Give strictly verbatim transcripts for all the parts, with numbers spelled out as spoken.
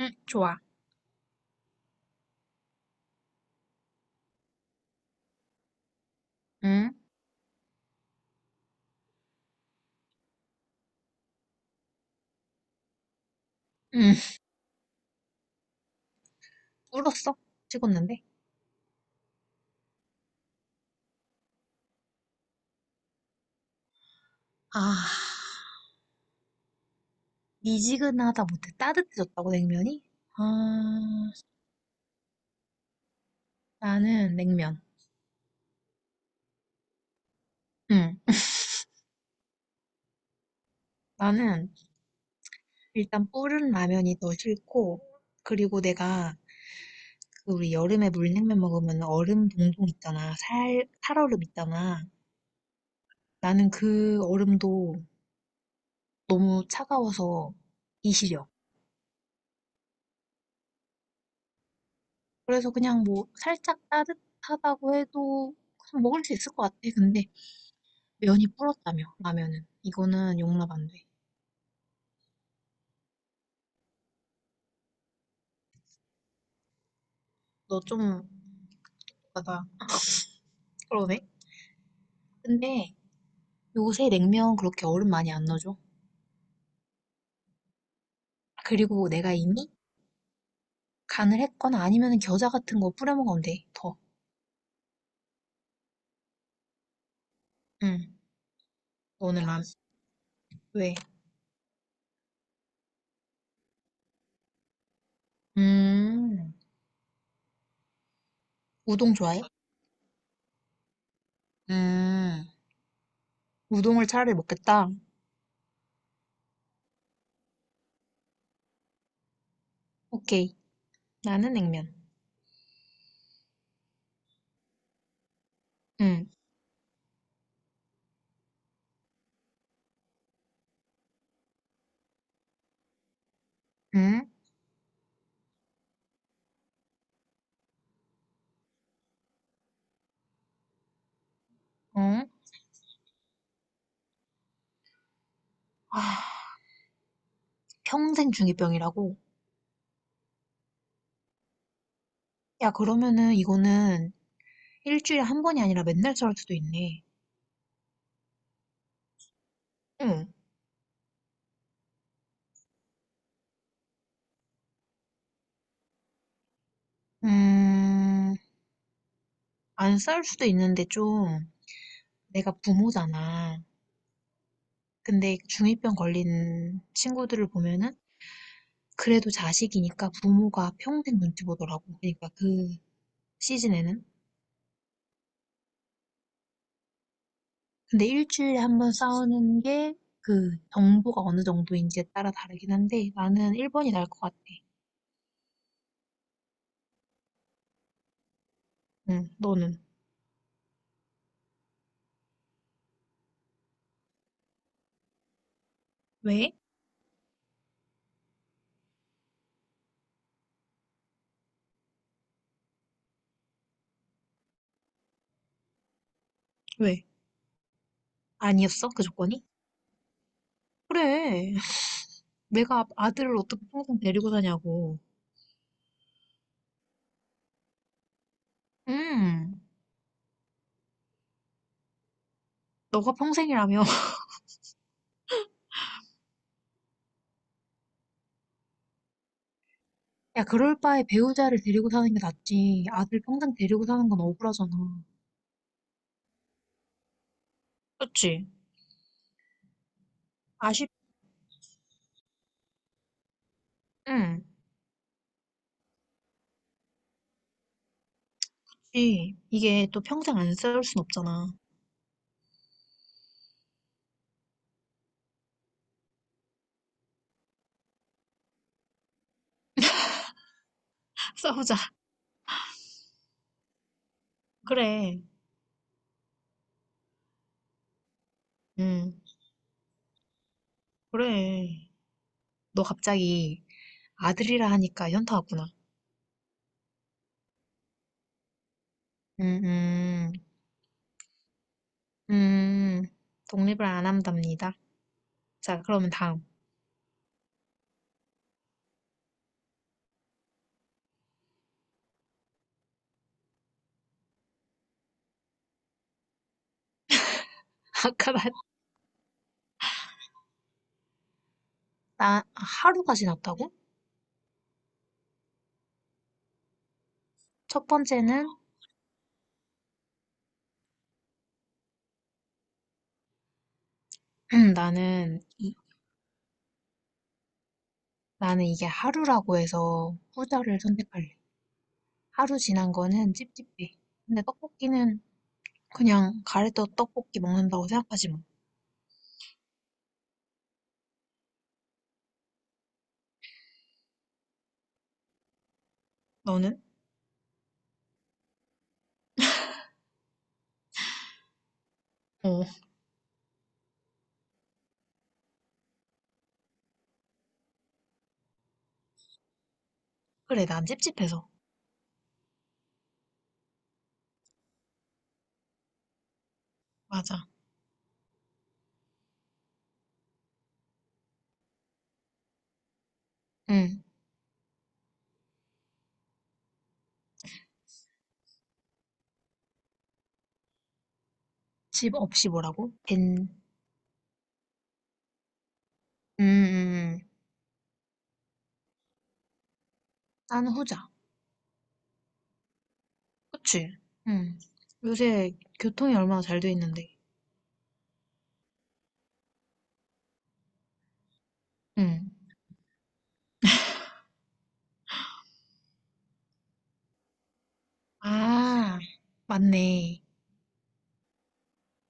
응, 좋아. 응, 응. 울었어. 찍었는데. 아, 미지근하다 못해 따뜻해졌다고 냉면이? 아, 나는 냉면. 응. 나는 일단 불은 라면이 더 싫고, 그리고 내가 그 우리 여름에 물냉면 먹으면 얼음 동동 있잖아. 살, 살얼음 있잖아. 나는 그 얼음도 너무 차가워서 이시려. 그래서 그냥 뭐 살짝 따뜻하다고 해도 그냥 먹을 수 있을 것 같아. 근데 면이 불었다며 라면은 이거는 용납 안 돼. 너 좀 나다 그러네. 근데 요새 냉면 그렇게 얼음 많이 안 넣어줘. 그리고 내가 이미 간을 했거나 아니면 겨자 같은 거 뿌려 먹으면 돼. 더. 응. 너는 라면 왜? 음. 우동 좋아해? 음. 우동을 차라리 먹겠다. 오케이. 나는 냉면. 응. 응? 응? 아, 평생 중이병이라고? 야, 그러면은 이거는 일주일에 한 번이 아니라 맨날 저럴 수도 있네. 응. 음, 안 싸울 수도 있는데 좀 내가 부모잖아. 근데 중이병 걸린 친구들을 보면은 그래도 자식이니까 부모가 평생 눈치 보더라고. 그러니까 그 시즌에는. 근데 일주일에 한 번 싸우는 게 그 정도가 어느 정도인지에 따라 다르긴 한데 나는 일 번이 나을 것 같아. 응, 너는? 왜? 왜? 아니었어? 그 조건이? 그래. 내가 아들을 어떻게 평생 데리고 다냐고. 음, 너가 평생이라며. 야, 그럴 바에 배우자를 데리고 사는 게 낫지. 아들 평생 데리고 사는 건 억울하잖아. 그렇지? 아쉽지. 응. 이게 또 평생 안 싸울 순 없잖아. 싸우자. 그래. 응. 그래. 너 갑자기 아들이라 하니까 현타 왔구나. 음, 음, 음. 독립을 안 한답니다. 자, 그러면 다음. 아까 나, 나 하루가 지났다고? 첫 번째는 나는 이- 나는 이게 하루라고 해서 후자를 선택할래. 하루 지난 거는 찝찝해. 근데 떡볶이는 그냥 가래떡 떡볶이 먹는다고 생각하지 뭐. 너는? 어. 그래, 난 찝찝해서. 맞아. 응. 집 없이 뭐라고? 된. 음, 음, 음. 나는 후자. 그치? 응. 요새 교통이 얼마나 잘 돼 있는데. 응. 아, 맞네.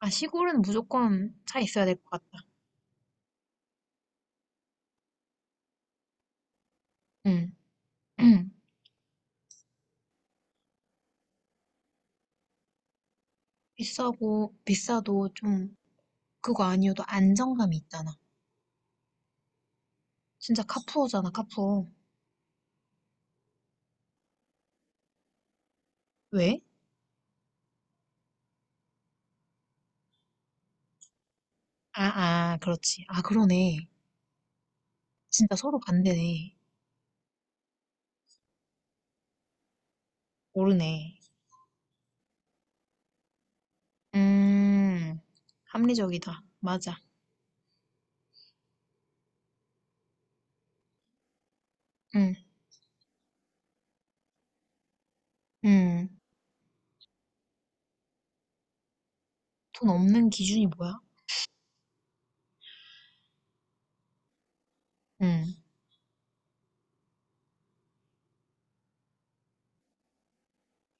아, 시골은 무조건 차 있어야 될 것 같다. 응. 응. 비싸고, 비싸도 좀, 그거 아니어도 안정감이 있잖아. 진짜 카푸어잖아, 카푸어. 왜? 아, 아, 그렇지. 아, 그러네. 진짜 서로 반대네. 모르네. 음, 합리적이다. 맞아. 응, 응. 돈 없는 기준이 뭐야? 응.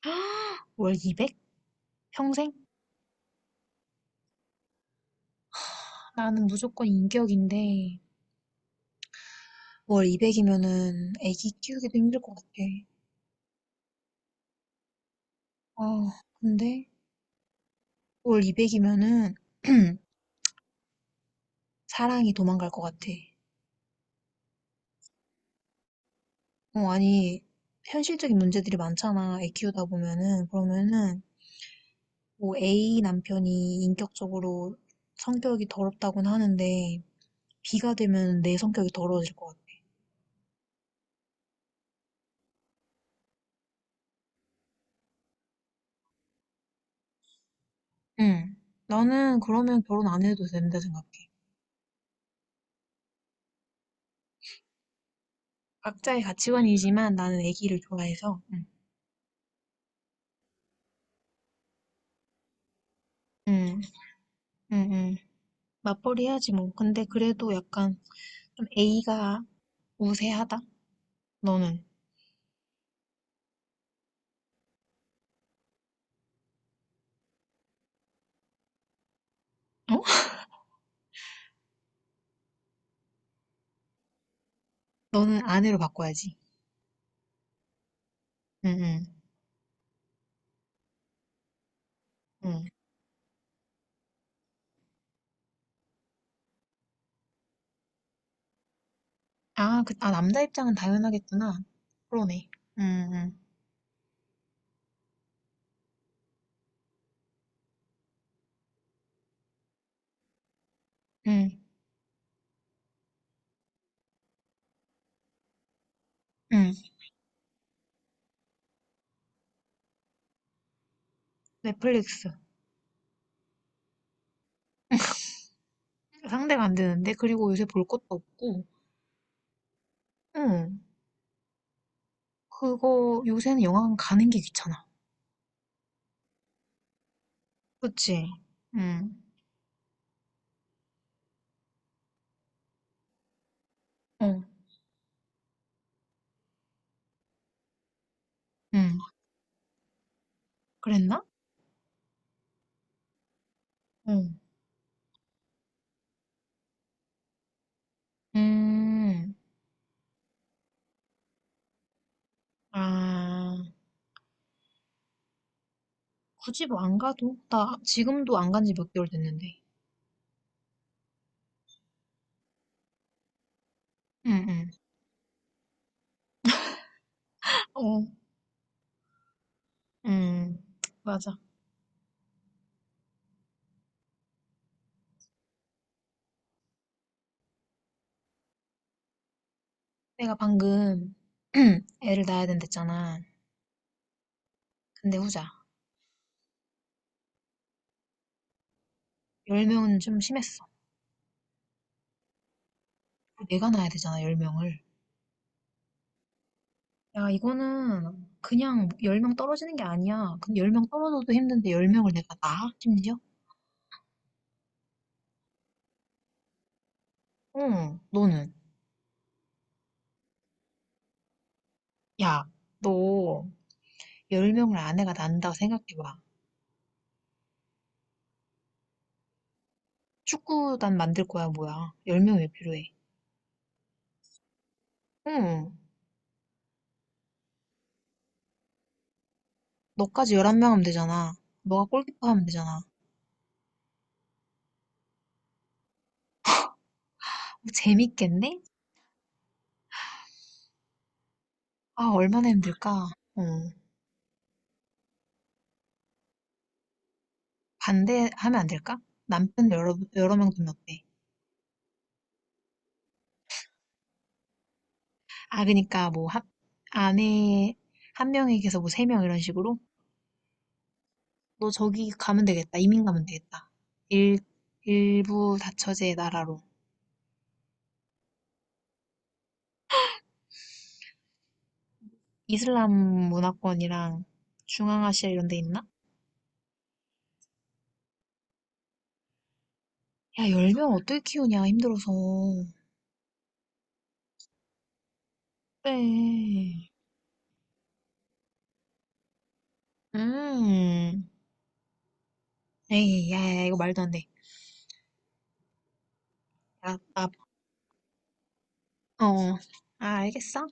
월 이백? 평생? 나는 무조건 인격인데, 월 이백이면은 애기 키우기도 힘들 것 같아. 아, 근데 월 이백이면은 사랑이 도망갈 것 같아. 어, 아니, 현실적인 문제들이 많잖아. 애 키우다 보면은. 그러면은, 뭐 A 남편이 인격적으로 성격이 더럽다고는 하는데 B가 되면 내 성격이 더러워질 것 같아. 응. 나는 그러면 결혼 안 해도 된다 생각해. 각자의 가치관이지만 나는 애기를 좋아해서. 응. 응. 응. 응. 맞벌이 해야지 뭐. 근데 그래도 약간 좀 A가 우세하다. 너는? 어? 너는 아내로 바꿔야지. 응. 응. 응. 아, 그, 아 남자 입장은 당연하겠구나. 그러네. 응. 응. 응. 응. 넷플릭스. 상대가 안 되는데 그리고 요새 볼 것도 없고 응 그거 요새는 영화관 가는 게 귀찮아 그치 응어응 그랬나 응음아 굳이 뭐 안 가도 나 지금도 안 간지 몇 개월 됐는데 응응 어 음, 맞아. 내가 방금 애를 낳아야 된댔잖아. 근데 후자. 열명은 좀 심했어. 내가 낳아야 되잖아, 열명을 야, 이거는 그냥 열 명 떨어지는 게 아니야. 근데 열 명 떨어져도 힘든데 열 명을 내가 나? 심지어? 응, 너는. 야, 너 열 명을 아내가 난다고 생각해봐. 축구단 만들 거야, 뭐야. 열 명 왜 필요해? 응, 너까지 열한 명 하면 되잖아. 너가 골키퍼 하면 되잖아. 어, 재밌겠네? 아, 얼마나 힘들까? 응, 반대하면 안 될까? 남편 여러, 여러 명 두면 어때? 아, 그니까 뭐, 합, 아내 한 명에게서 뭐 세 명 이런 식으로? 너 저기 가면 되겠다. 이민 가면 되겠다. 일, 일부 다처제 나라로. 이슬람 문화권이랑 중앙아시아 이런 데 있나? 야, 열 명 어떻게 키우냐, 힘들어서. 그래. 음. 에이, 야, 야, 이거 말도 안 돼. 야, 나, 어. 아, 알겠어.